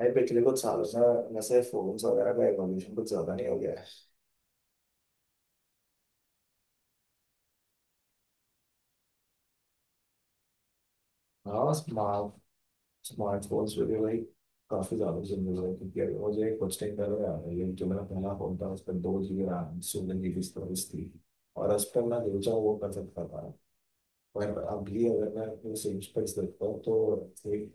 भाई पिछले कुछ सालों से वैसे फोन्स वगैरह का एवोल्यूशन कुछ ज्यादा नहीं हो गया है। हाँ, स्मार्टफोन्स पे भी भाई काफी ज्यादा चेंजेस हुए हैं, क्योंकि अभी मुझे कुछ टाइम पहले याद है ये जो मेरा पहला फोन था उस पर 2 GB रैम 16 GB स्टोरेज थी और उस पर मैं जो चाहूँ वो कर सकता था। पर अभी अगर मैं अपने सेम स्पेस देखता हूँ तो एक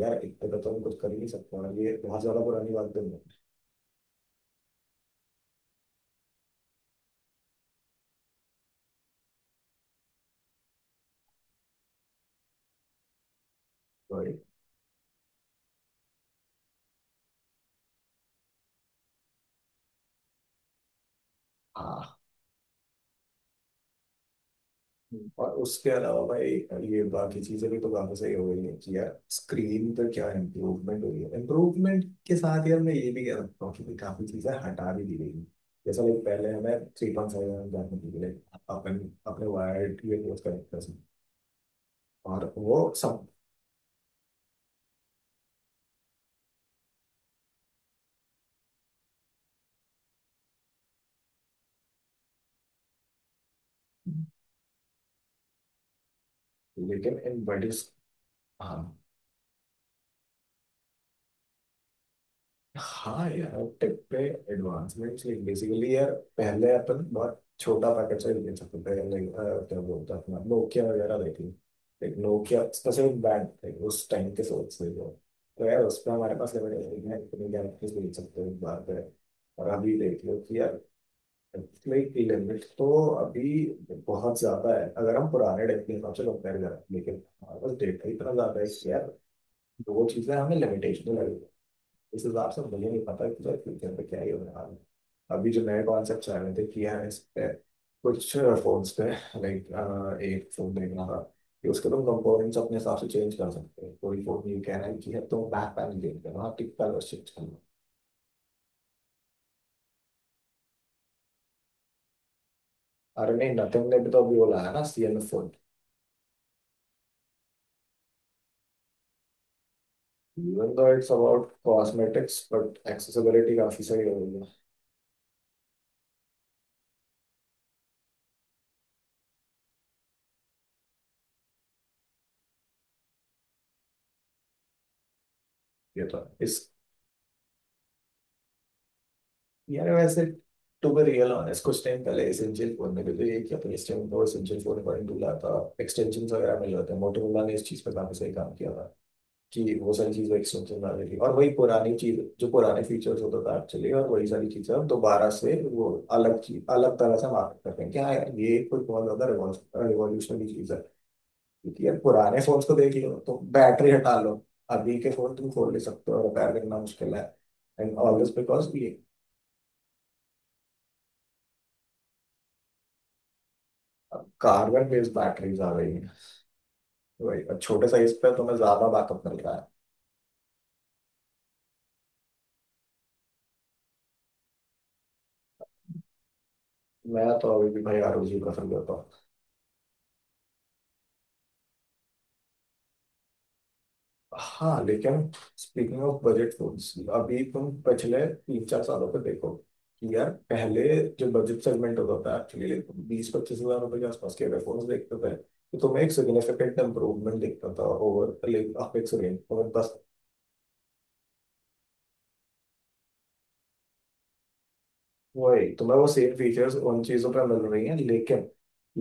यार एक तरह तो हम कुछ कर ही नहीं सकते, और ये बहुत ज्यादा पुरानी बात तो नहीं है। Sorry। हाँ। हम्म। और उसके अलावा एक ये बाकी चीजें भी तो काफी सही हो गई है कि यार स्क्रीन पे क्या इम्प्रूवमेंट हो रही है। इम्प्रूवमेंट के साथ यार मैं ये भी कह सकता हूँ कि काफी चीजें हटा भी दी गई हैं। जैसा लाइक पहले हमें 3.5 mm जाने के लिए अपन अपने वायर्ड ये कनेक्ट कर सकते हैं। और वो सब लेकिन इन बड़े। हाँ। हाँ यार, टेक पे एडवांसमेंट बेसिकली यार पहले अपन बहुत छोटा पैकेट से ले सकते थे। लाइक क्या बोलते हैं अपना नोकिया वगैरह देखी। लाइक नोकिया स्पेसिफिक ब्रांड थे उस टाइम के, सोच से जो। तो यार उस पर हमारे पास लिमिटेड है, इतने गैलेक्सीज बेच सकते हैं एक बार पे। और अभी देख लो कि यार लाइक लिमिट तो अभी बहुत ज्यादा है अगर हम पुराने डेट के हिसाब से कंपेयर करें, लेकिन हमारे पास डेटा इतना ज्यादा है कि यार दो चीजें हमें लिमिटेशन लगे। इस हिसाब से मुझे नहीं पता कि फ्यूचर पे क्या ही होने वाला है। अभी जो नए कॉन्सेप्ट आए हुए थे किया है इस पे कुछ फोन्स पे, लाइक एक फोन देख रहा था कि उसके तुम कंपोनेंट्स अपने हिसाब से चेंज कर सकते हो। कोई फोन ये कह रहा है कि है तुम बैक पैनल चेंज करना, आप टिक पैनल चेंज करना। अरे नहीं, नथिंग ने भी तो अभी वो लाया ना CNF phone. Even though it's about cosmetics but accessibility काफी सही हो गई है। ये तो है। इस यार वैसे टू बी रियल ऑनेस्ट कुछ टाइम पहले एसेंशियल फोन में भी तो ये किया था। इस टाइम तो एसेंशियल फोन बड़ी दूर आता, एक्सटेंशन वगैरह मिल जाते हैं। मोटोरोला ने इस चीज़ पे काफी सही काम किया था कि वो सारी चीज़ें एक्सटेंशन आ जाएगी, और वही पुरानी चीज जो पुराने फीचर्स होता था एक्चुअली, और वही सारी चीज़ें अब दोबारा से वो अलग चीज अलग तरह से मार्केट कर रहे हैं कि हाँ यार ये कोई बहुत ज्यादा रिवॉल्यूशनरी चीज़ है। क्योंकि यार पुराने फोन को देख लो तो बैटरी हटा लो, अभी के फोन तुम खोल नहीं सकते हो, रिपेयर करना मुश्किल है। एंड ऑल दिस बिकॉज ये अब कार्बन बेस्ड बैटरीज आ गई हैं। वही अब छोटे साइज पे तो मैं ज्यादा बैकअप मिल रहा है। मैं तो अभी भी भाई ROG प्रेफर करता हूँ। हाँ, लेकिन स्पीकिंग ऑफ बजट फोन्स, अभी तुम पिछले तीन चार सालों पे देखो कि यार पहले जो बजट सेगमेंट होता था एक्चुअली, 20-25 हजार रुपए के आसपास के अगर फोन्स देखते थे तो तुम्हें एक सिग्निफिकेंट इम्प्रूवमेंट दिखता था over like apex range, over दस। वही तुम्हें वो सेम फीचर्स उन चीजों पर मिल रही हैं, लेकिन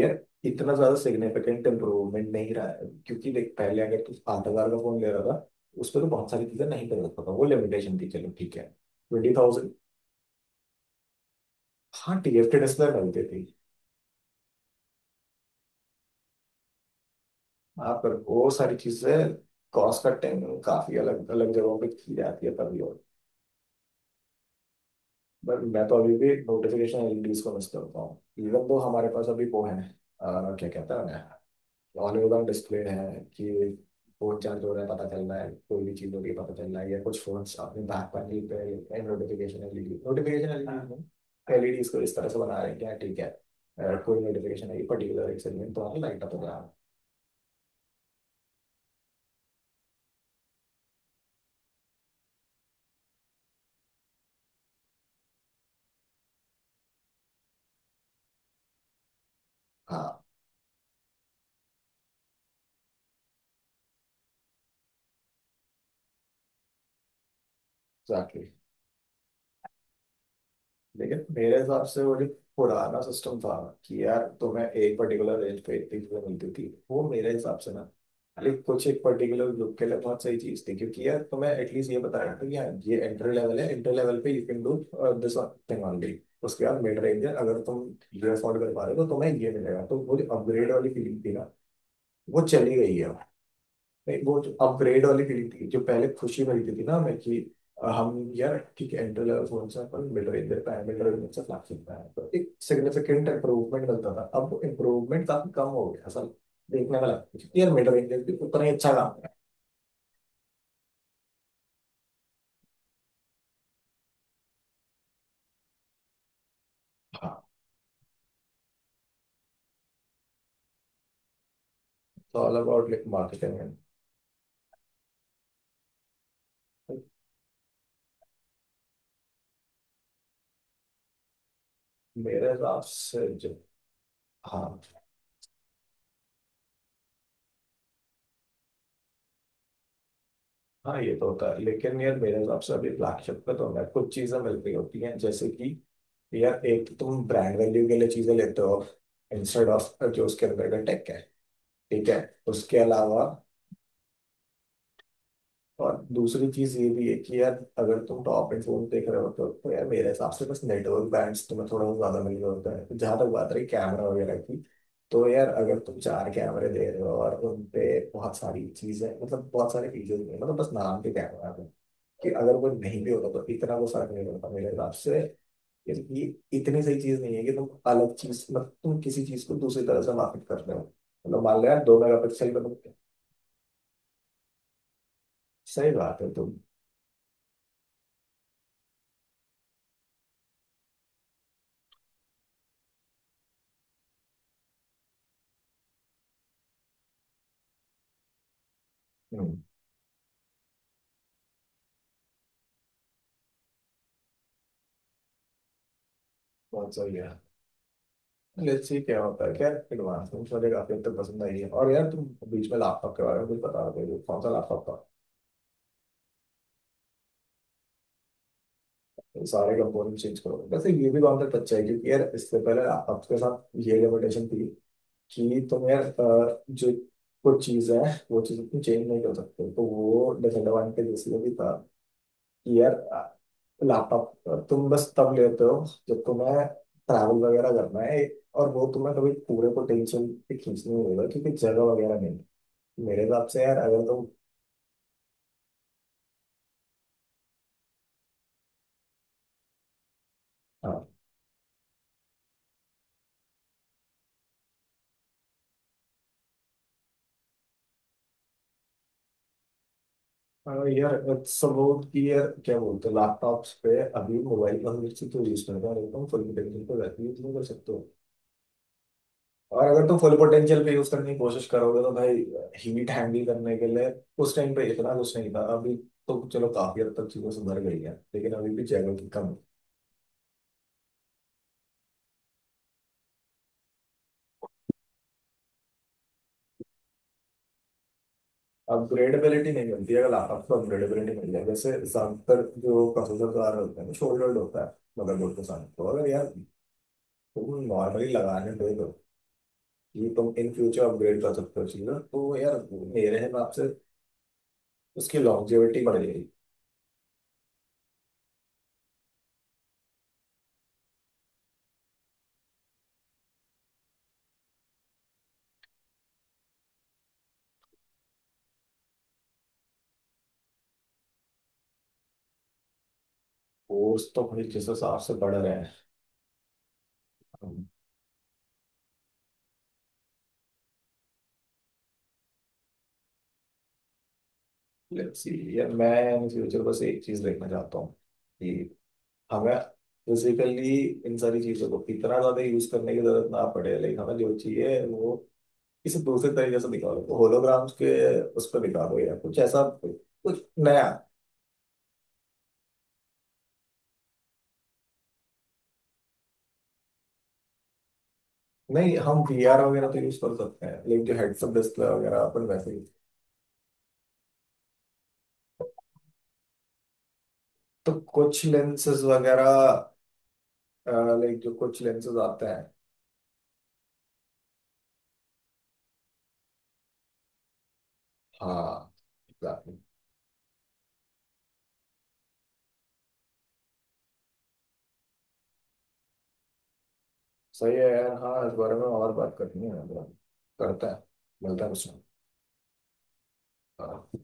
ये इतना ज्यादा सिग्निफिकेंट इम्प्रूवमेंट नहीं रहा है। क्योंकि देख, पहले अगर तू 8 हजार का फोन ले रहा था, उस पर तो बहुत सारी चीजें नहीं कर सकता था, वो लिमिटेशन थी, चलो ठीक है। 20,000। हाँ, TFT डिस्प्ले मिलती थी। हाँ पर वो सारी चीजें कॉस्ट कटिंग काफी अलग अलग जगहों पे की जाती है तभी, और बट मैं तो अभी भी नोटिफिकेशन LEDs को मिस करता हूँ। इवन तो हमारे पास अभी वो है, क्या कहता है, ऑल ओवर डिस्प्ले है कि फोन चार्ज हो रहा है पता चल रहा है, कोई भी चीज हो रही है पता चल रहा है। या कुछ फोन्स अपने बैक पैनल पे नोटिफिकेशन LED, नोटिफिकेशन एलईडी इसको इस तरह से बना रहे हैं क्या, ठीक है। कोई नोटिफिकेशन आई पर्टिकुलर एक सेगमेंट तो हमें लाइट अप हो रहा है। हाँ, एग्जैक्टली। लेकिन मेरे हिसाब से वो जो पुराना सिस्टम था कि यार तुम्हें एक पर्टिकुलर रेंज पे इतनी चीजें मिलती थी, वो मेरे हिसाब से ना लाइक कुछ एक पर्टिकुलर ग्रुप के लिए बहुत सही चीज थी। क्योंकि यार तुम्हें एटलीस्ट ये बता रहा था कि यार ये एंट्री लेवल है, एंट्री लेवल पे you can do this one thing only. उसके बाद मिड रेंज है, अगर तुम ये अफोर्ड कर पा रहे हो तो तुम्हें ये मिलेगा। तो वो जो अपग्रेड वाली फीलिंग थी ना, वो चली गई है। नहीं वो जो अपग्रेड वाली फीलिंग थी जो पहले खुशी मिलती थी ना हमें कि हम यार, ठीक है एंट्री लेवल फोन से अपन मिड रेंज दे पाए, मिड रेंज से फ्लैगशिप पाए, तो एक सिग्निफिकेंट इंप्रूवमेंट मिलता था। अब इम्प्रूवमेंट काफी कम हो गया असल देखने वाला, यार मिड रेंज भी उतना ही अच्छा काम। हाँ, तो all about like marketing and मेरे हिसाब से जो। हाँ। हाँ, ये तो होता है। लेकिन यार मेरे हिसाब से अभी फ्लैगशिप पे तो ना कुछ चीजें मिल रही होती हैं, जैसे कि यार एक तो तुम ब्रांड वैल्यू के लिए चीजें लेते हो, इंस्टेड ऑफ जो उसके अंदर का टेक है, ठीक है। उसके अलावा, और दूसरी चीज ये भी है कि यार अगर तुम टॉप एंड फोन देख रहे हो तो यार मेरे हिसाब से बस नेटवर्क बैंड्स तुम्हें थोड़ा बहुत ज्यादा मिल रहा होता है। जहां तक बात रही कैमरा वगैरह की, तो यार अगर तुम चार कैमरे दे रहे हो और उन पे बहुत सारी चीजें मतलब बहुत सारे फीचर्स नहीं, मतलब बस नाम के कैमरा है कि अगर वो नहीं भी होगा तो इतना वो फर्क नहीं पड़ता मेरे हिसाब से। यार ये इतनी सही चीज नहीं है कि तुम अलग चीज, मतलब तुम किसी चीज को दूसरी तरह से मार्केट कर रहे हो। मतलब मान लो यार 2 मेगा पिक्सल का। सही बात है तुम। हम्म। बहुत सही है, लेट्स सी क्या होता है। क्या एडवांस में मुझे काफी हद तक पसंद आई है। और यार तुम बीच में लैपटॉप के बारे में कुछ बता रहे हो, कौन सा लैपटॉप था। ये सारे कंपोनेंट चेंज करो, वैसे ये भी कॉन्सेप्ट अच्छा है क्योंकि यार इससे पहले लैपटॉप के साथ ये लिमिटेशन थी कि तुम यार जो कुछ चीज है वो चीज तुम चेंज नहीं कर सकते, तो वो डिसएडवांटेज इसलिए भी था कि यार लैपटॉप तुम बस तब लेते हो जब तुम्हें ट्रैवल वगैरह करना है, और वो तुम्हें कभी पूरे को टेंशन खींचने नहीं होगा क्योंकि जगह वगैरह नहीं। मेरे हिसाब से यार अगर तुम, हाँ, हाँ, यार अगर सब लोग की यार क्या बोलते हैं लैपटॉप्स पे अभी मोबाइल पर से तो यूज करता है, एकदम फुल पोटेंशियल पे वैसे यूज नहीं कर सकते हो। और अगर तुम फुल पोटेंशियल पे यूज करने की कोशिश करोगे तो भाई हीट हैंडल करने के लिए उस टाइम पे इतना कुछ नहीं था अभी। तो चलो काफी हद तक चीजें सुधर गई है, लेकिन अभी भी जगह की कम है। अपग्रेडेबिलिटी नहीं मिलती है, अगर लैपटॉप को अपग्रेडेबिलिटी मिल जाए, जैसे ज्यादातर जो प्रोसेसर कार होते हैं वो शोल्डर्ड होता है मदरबोर्ड के साथ, तो अगर यार तुम नॉर्मली लगाने दे दो, ये तुम इन फ्यूचर अपग्रेड कर सकते हो चीज ना, तो यार मेरे हिसाब से उसकी लॉन्जेविटी बढ़ जाएगी। कोर्स तो भाई जिस हिसाब से बढ़ रहे हैं। लेट्स सी यार, मैं इन फ्यूचर बस एक चीज देखना चाहता हूँ कि हमें फिजिकली इन सारी चीजों को इतना ज्यादा यूज करने की जरूरत ना पड़े, लेकिन हमें जो चाहिए वो किसी दूसरे तरीके से दिखा दो, होलोग्राम्स के उस पर दिखा दो, या कुछ ऐसा कुछ नया। नहीं, हम VR वगैरह तो यूज कर सकते हैं, लेकिन जो हेडसअप डिस्प्ले वगैरह अपन वैसे ही, तो कुछ लेंसेज वगैरह, लाइक जो कुछ लेंसेज आते हैं। हाँ, एग्जैक्टली। सही है यार, हाँ इस बारे में और बात करनी है। करता है, मिलता है कुछ। हाँ।